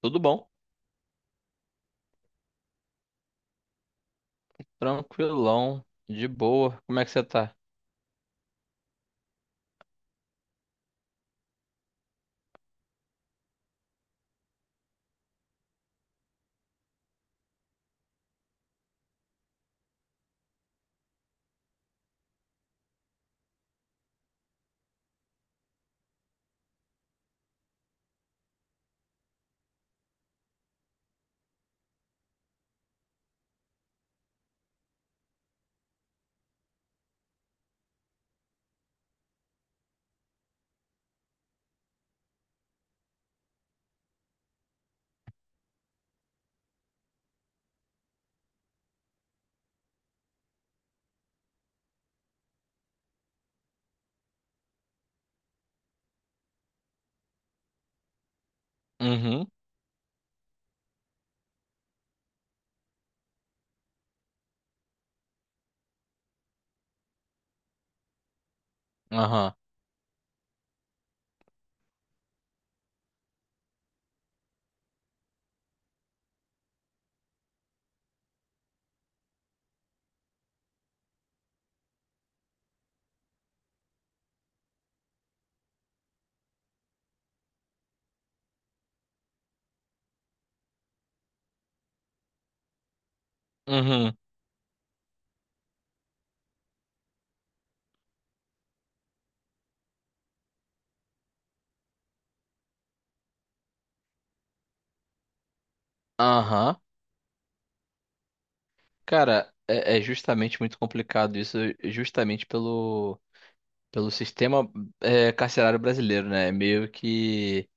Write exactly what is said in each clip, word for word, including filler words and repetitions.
Tudo bom? Tranquilão, de boa. Como é que você tá? Uhum, aham, uhum, aham. Cara, é, é justamente muito complicado isso, justamente pelo, pelo sistema é, carcerário brasileiro, né? É meio que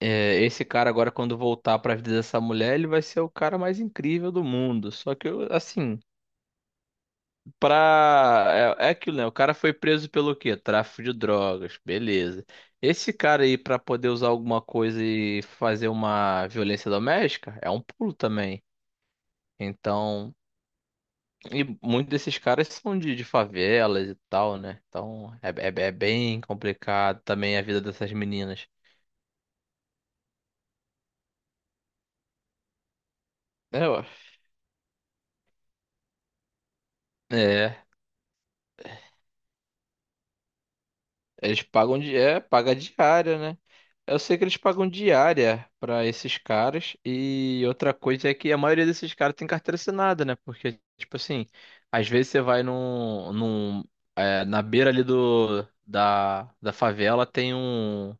é, esse cara agora, quando voltar pra vida dessa mulher, ele vai ser o cara mais incrível do mundo. Só que, eu, assim. Pra. É, é aquilo, né? O cara foi preso pelo quê? Tráfico de drogas, beleza. Esse cara aí, pra poder usar alguma coisa e fazer uma violência doméstica, é um pulo também. Então, e muitos desses caras são de, de favelas e tal, né? Então, é, é- é bem complicado também a vida dessas meninas. É, ó. É. Eles pagam di- é, paga diária, né? Eu sei que eles pagam diária pra esses caras e outra coisa é que a maioria desses caras tem carteira assinada, né? Porque tipo assim, às vezes você vai num, num é, na beira ali do da, da favela tem um,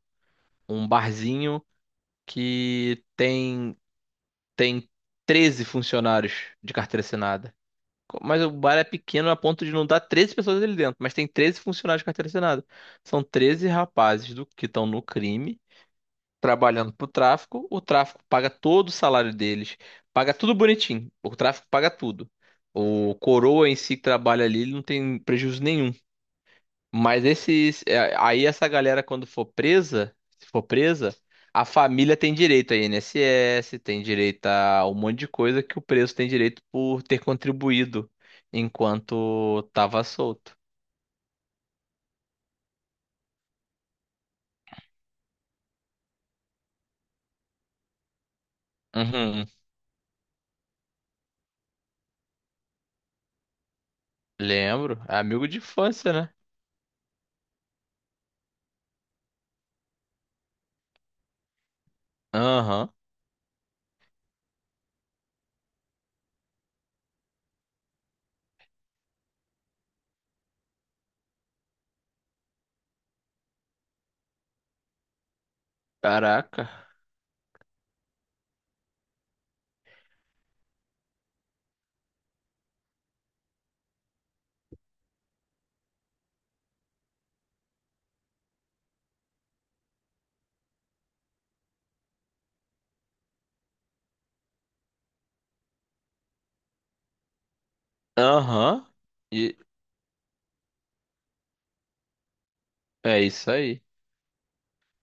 um barzinho que tem tem treze funcionários de carteira assinada. Mas o bar é pequeno a ponto de não dar treze pessoas ali dentro, mas tem treze funcionários de carteira assinada. São treze rapazes do que estão no crime, trabalhando pro tráfico. O tráfico paga todo o salário deles, paga tudo bonitinho. O tráfico paga tudo. O coroa em si que trabalha ali, ele não tem prejuízo nenhum. Mas esses. é, Aí essa galera, quando for presa, se for presa, a família tem direito a I N S S, tem direito a um monte de coisa que o preso tem direito por ter contribuído enquanto tava solto. Uhum. Lembro. É amigo de infância, né? Aham. Caraca. Aham. E é isso aí.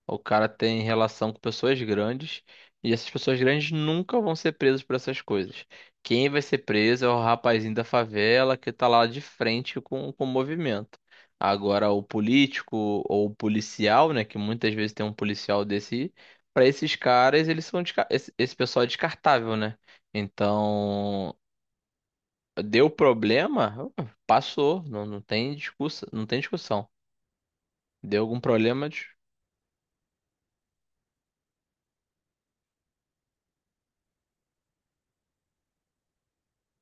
O cara tem relação com pessoas grandes e essas pessoas grandes nunca vão ser presas por essas coisas. Quem vai ser preso é o rapazinho da favela que tá lá de frente com, com o movimento. Agora, o político ou o policial, né, que muitas vezes tem um policial desse, para esses caras, eles são desca- esse, esse pessoal é descartável, né? Então, deu problema, passou, não, não tem discussão, não tem discussão. Deu algum problema, de-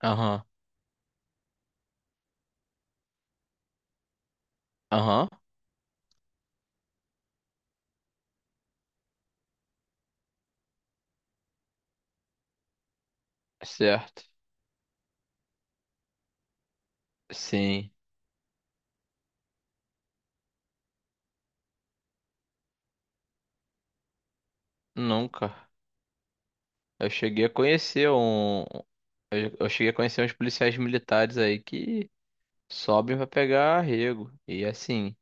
aham, aham, certo. Sim, nunca. Eu cheguei a conhecer um. Eu eu cheguei a conhecer uns policiais militares aí que sobem pra pegar arrego. E assim,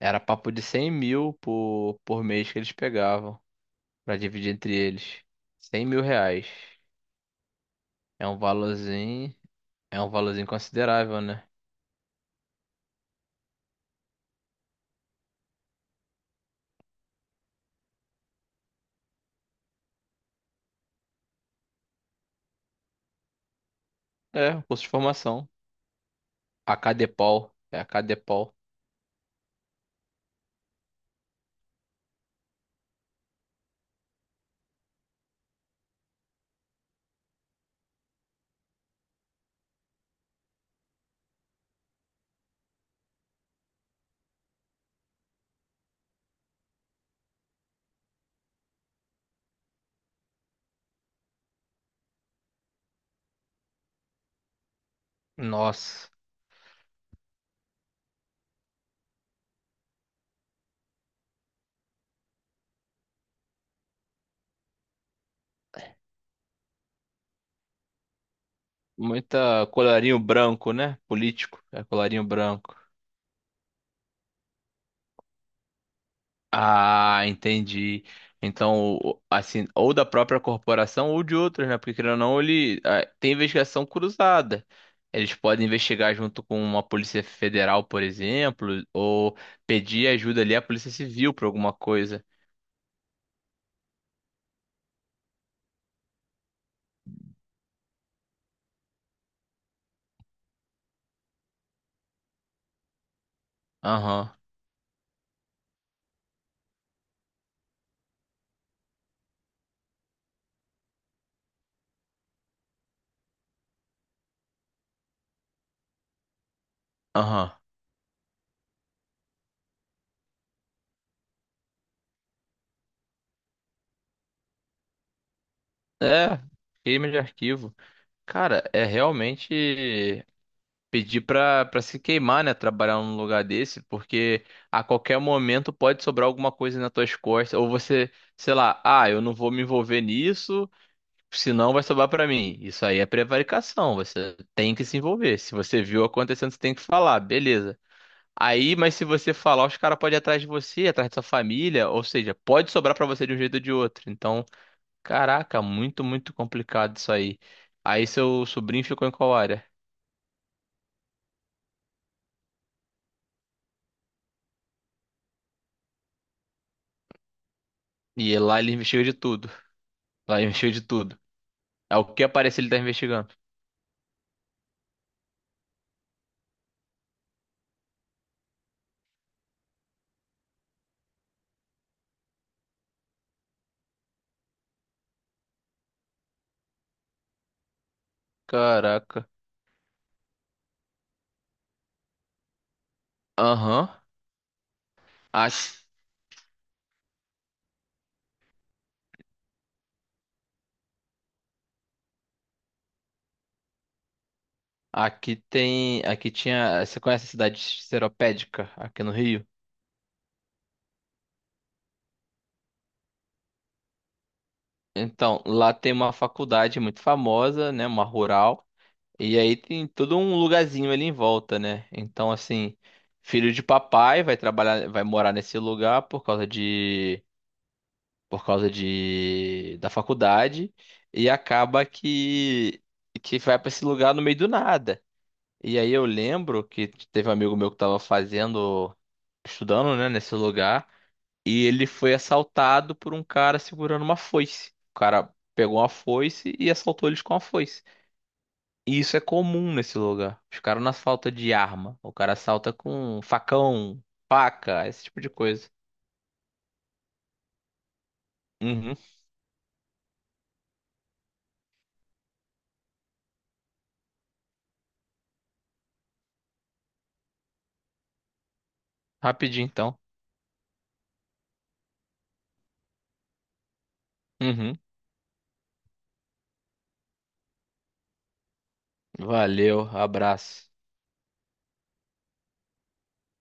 era papo de cem mil por, por mês que eles pegavam pra dividir entre eles. Cem mil reais. É um valorzinho. É um valorzinho considerável, né? É, um curso de formação. A Cadepol. É a Cadepol. Nossa. Muita colarinho branco, né? Político. É colarinho branco. Ah, entendi. Então, o- assim, ou da própria corporação ou de outras, né? Porque querendo ou não, ele ah, tem investigação cruzada. Eles podem investigar junto com uma Polícia Federal, por exemplo, ou pedir ajuda ali à Polícia Civil para alguma coisa. Aham, aham. É, crime de arquivo. Cara, é realmente. Pedir pra, pra se queimar, né? Trabalhar num lugar desse, porque a qualquer momento pode sobrar alguma coisa nas tuas costas, ou você, sei lá, ah, eu não vou me envolver nisso, senão vai sobrar pra mim. Isso aí é prevaricação, você tem que se envolver. Se você viu acontecendo, você tem que falar, beleza. Aí, mas se você falar, os caras podem ir atrás de você, atrás da sua família, ou seja, pode sobrar pra você de um jeito ou de outro. Então, caraca, muito, muito complicado isso aí. Aí seu sobrinho ficou em qual área? E lá ele investiga de tudo. Lá investiu de tudo. É o que aparece ele tá investigando. Caraca. Aham. A- Aqui, tem. Aqui tinha. Você conhece a cidade Seropédica, aqui no Rio? Então, lá tem uma faculdade muito famosa, né? Uma rural. E aí tem todo um lugarzinho ali em volta, né? Então, assim, filho de papai vai trabalhar, vai morar nesse lugar por causa de. Por causa de. Da faculdade. E acaba que. Que vai pra esse lugar no meio do nada. E aí eu lembro que teve um amigo meu que tava fazendo, estudando, né, nesse lugar, e ele foi assaltado por um cara segurando uma foice. O cara pegou uma foice e assaltou eles com a foice. E isso é comum nesse lugar. Os caras não assaltam de arma. O cara assalta com facão, faca, esse tipo de coisa. Uhum. Rapidinho então. Uhum. Valeu, abraço.